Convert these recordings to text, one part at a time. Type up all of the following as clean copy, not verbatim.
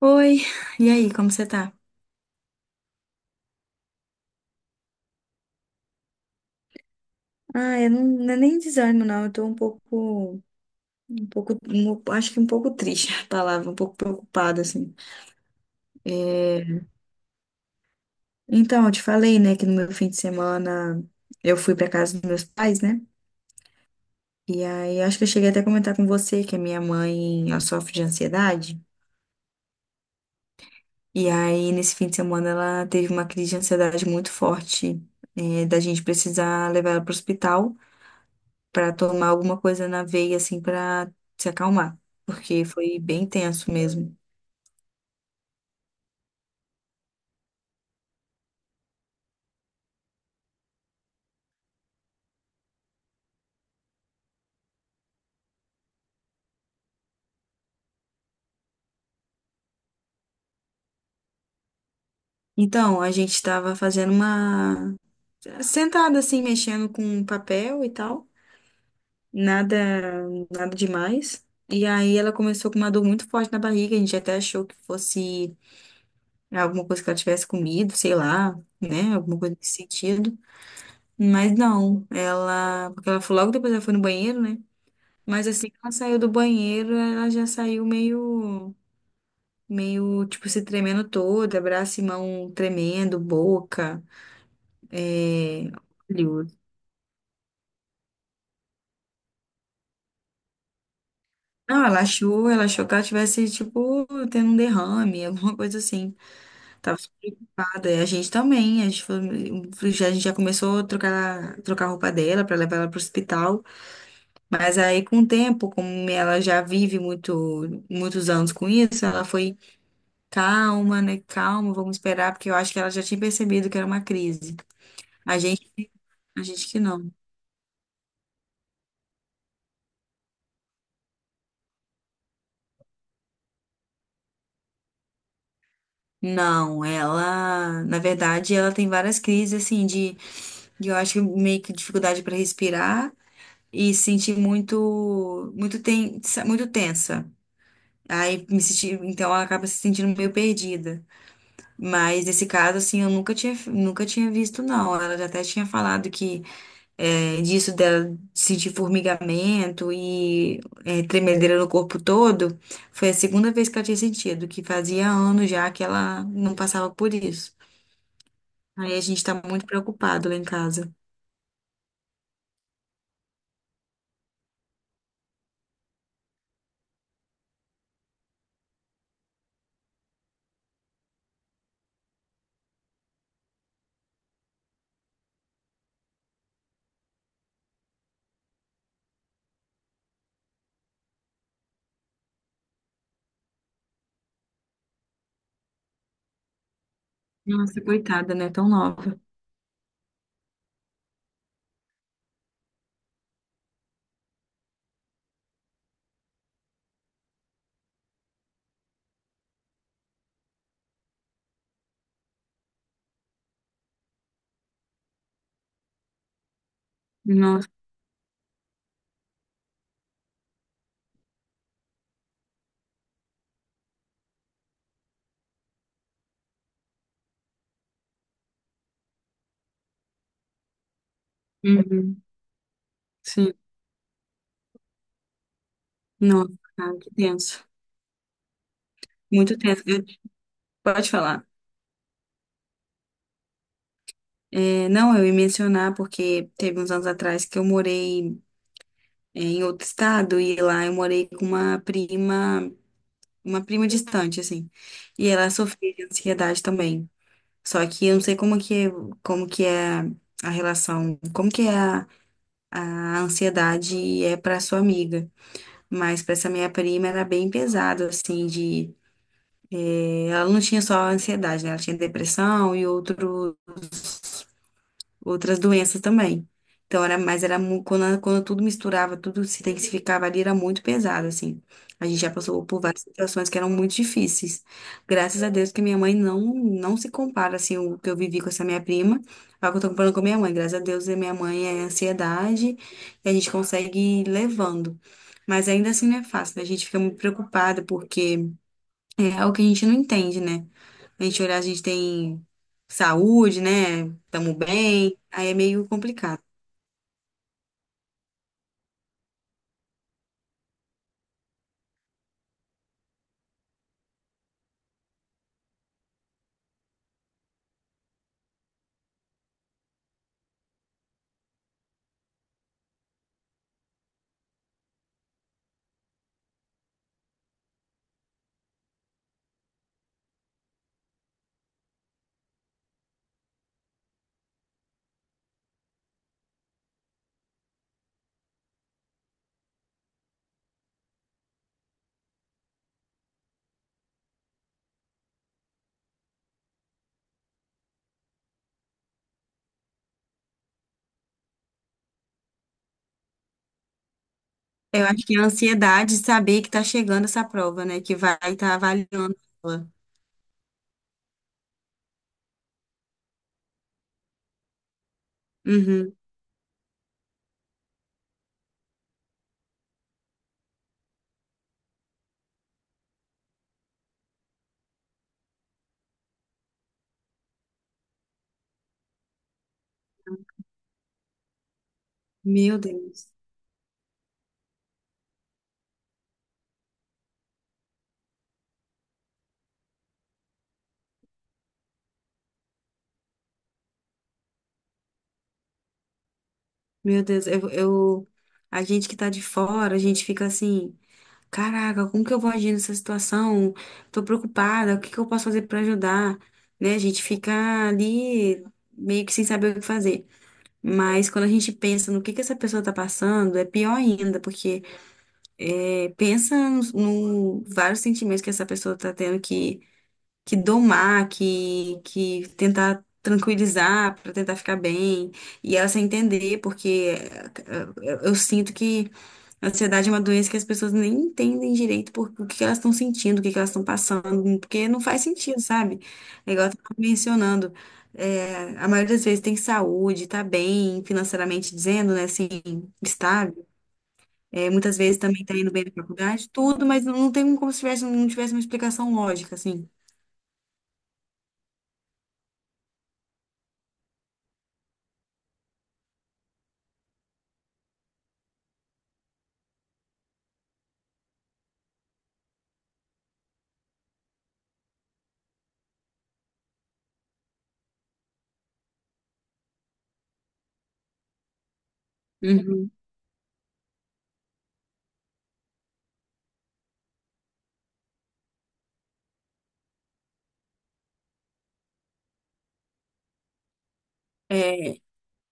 Oi, e aí, como você tá? Ah, eu não, não é nem desânimo, não. Eu tô um pouco, acho que um pouco triste a palavra, um pouco preocupada, assim. É, Então, eu te falei, né, que no meu fim de semana eu fui pra casa dos meus pais, né? E aí, acho que eu cheguei até a comentar com você que a minha mãe, ela sofre de ansiedade. E aí, nesse fim de semana, ela teve uma crise de ansiedade muito forte, da gente precisar levar ela pro hospital. Para tomar alguma coisa na veia, assim, para se acalmar, porque foi bem tenso mesmo. Então, a gente estava fazendo uma sentada assim, mexendo com papel e tal, nada, nada demais. E aí ela começou com uma dor muito forte na barriga. A gente até achou que fosse alguma coisa que ela tivesse comido, sei lá, né, alguma coisa nesse sentido. Mas não, ela, porque ela foi logo depois ela foi no banheiro, né? Mas assim que ela saiu do banheiro, ela já saiu meio tipo, se tremendo toda, braço e mão tremendo, boca, é... olho. Não, ela achou que ela tivesse, tipo, tendo um derrame, alguma coisa assim. Tava super preocupada. E a gente também, a gente já começou a trocar, a roupa dela pra levar ela pro hospital. Mas aí, com o tempo, como ela já vive muitos anos com isso, ela foi calma, né? Calma, vamos esperar, porque eu acho que ela já tinha percebido que era uma crise. A gente, a gente que não. Não, ela, na verdade, ela tem várias crises assim de, eu acho que meio que dificuldade para respirar e se sentir muito tensa, muito tensa. Aí me senti, então ela acaba se sentindo meio perdida. Mas nesse caso assim, eu nunca tinha visto não. Ela já até tinha falado que disso dela sentir formigamento e tremedeira no corpo todo, foi a segunda vez que ela tinha sentido, que fazia anos já que ela não passava por isso. Aí a gente tá muito preocupado lá em casa. Nossa, coitada, né? Tão nova. Nossa. Uhum. Sim. Nossa, cara, que tenso. Muito tenso. Pode falar. É, não, eu ia mencionar porque teve uns anos atrás que eu morei em outro estado e lá eu morei com uma prima distante, assim. E ela sofria de ansiedade também. Só que eu não sei como que é a relação, como que é a ansiedade é para sua amiga. Mas para essa minha prima era bem pesado, assim, de... Ela não tinha só ansiedade, né? Ela tinha depressão e outros outras doenças também. Então, era, mas era mu- quando, tudo misturava, tudo se intensificava ali, era muito pesado, assim. A gente já passou por várias situações que eram muito difíceis. Graças a Deus que minha mãe não, não se compara, assim, o que eu vivi com essa minha prima, ao que eu tô comparando com a minha mãe. Graças a Deus, a minha mãe é ansiedade e a gente consegue ir levando. Mas ainda assim não é fácil, né? A gente fica muito preocupada porque é algo que a gente não entende, né? A gente olhar, a gente tem saúde, né? Tamo bem. Aí é meio complicado. Eu acho que é a ansiedade de saber que tá chegando essa prova, né? Que vai estar tá avaliando ela. Uhum. Meu Deus. Meu Deus. A gente que tá de fora, a gente fica assim, caraca, como que eu vou agir nessa situação? Tô preocupada, o que que eu posso fazer pra ajudar? Né? A gente fica ali meio que sem saber o que fazer. Mas quando a gente pensa no que essa pessoa tá passando, é pior ainda, porque pensa nos no vários sentimentos que essa pessoa tá tendo que, domar, que, tentar tranquilizar para tentar ficar bem. E ela sem entender, porque eu sinto que a ansiedade é uma doença que as pessoas nem entendem direito o que que elas estão sentindo, o que que elas estão passando, porque não faz sentido, sabe? É igual eu tava mencionando. A maioria das vezes tem saúde, tá bem financeiramente dizendo, né, assim, estável. É, muitas vezes também tá indo bem na faculdade, tudo, mas não tem como se tivesse, não tivesse uma explicação lógica, assim. Uhum.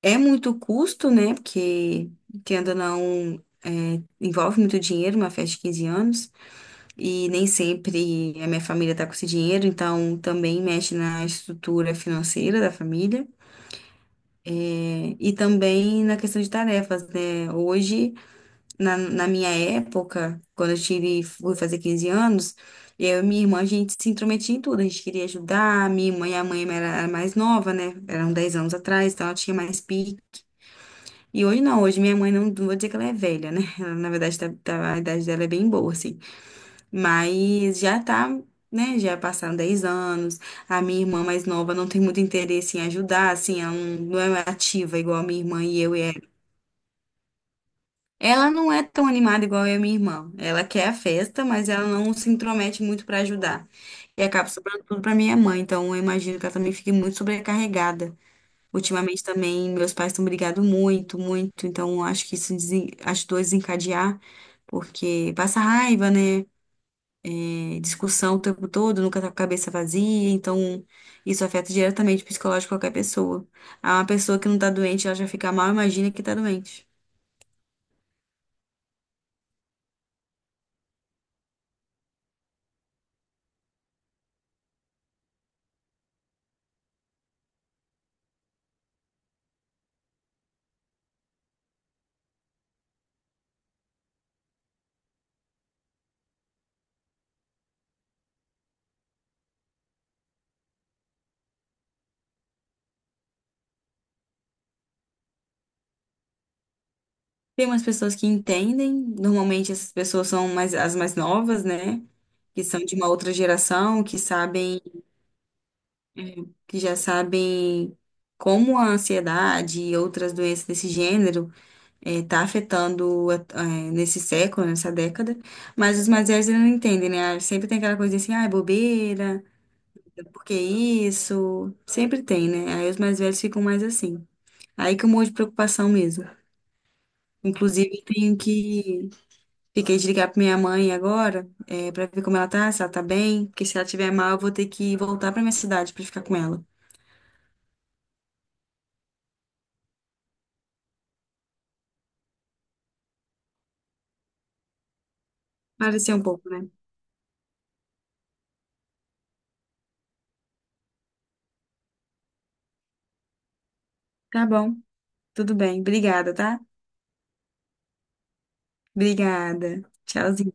É muito custo, né? Porque, querendo ou não, envolve muito dinheiro, uma festa de 15 anos, e nem sempre a minha família tá com esse dinheiro, então também mexe na estrutura financeira da família, e também na questão de tarefas, né? Hoje. Na minha época, quando eu tive, fui fazer 15 anos, eu e minha irmã, a gente se intrometia em tudo, a gente queria ajudar, minha irmã e a mãe era mais nova, né? Eram 10 anos atrás, então ela tinha mais pique. E hoje não, hoje minha mãe não, não vou dizer que ela é velha, né? Ela, na verdade, a idade dela é bem boa, assim. Mas já tá, né? Já passaram 10 anos. A minha irmã mais nova não tem muito interesse em ajudar, assim, ela não, não é ativa igual a minha irmã e eu. Ela não é tão animada igual eu e minha irmã. Ela quer a festa, mas ela não se intromete muito pra ajudar. E acaba sobrando tudo pra minha mãe. Então eu imagino que ela também fique muito sobrecarregada. Ultimamente também meus pais estão brigando muito, muito. Então eu acho que isso ajudou a desencadear, porque passa raiva, né? Discussão o tempo todo, nunca tá com a cabeça vazia. Então isso afeta diretamente o psicológico de qualquer pessoa. Ah, uma pessoa que não tá doente, ela já fica mal, imagina que tá doente. Tem umas pessoas que entendem, normalmente essas pessoas são mais, as mais novas, né? Que são de uma outra geração, que sabem, que já sabem como a ansiedade e outras doenças desse gênero está afetando nesse século, nessa década. Mas os mais velhos eles não entendem, né? Ah, sempre tem aquela coisa assim, ah, é bobeira, por que isso? Sempre tem, né? Aí os mais velhos ficam mais assim. Aí que eu morro de preocupação mesmo. Inclusive, eu tenho que fiquei de ligar pra minha mãe agora, pra ver como ela tá, se ela tá bem, porque se ela tiver mal, eu vou ter que voltar pra minha cidade pra ficar com ela. Parecer um pouco, né? Tá bom, tudo bem. Obrigada, tá? Obrigada. Tchauzinho.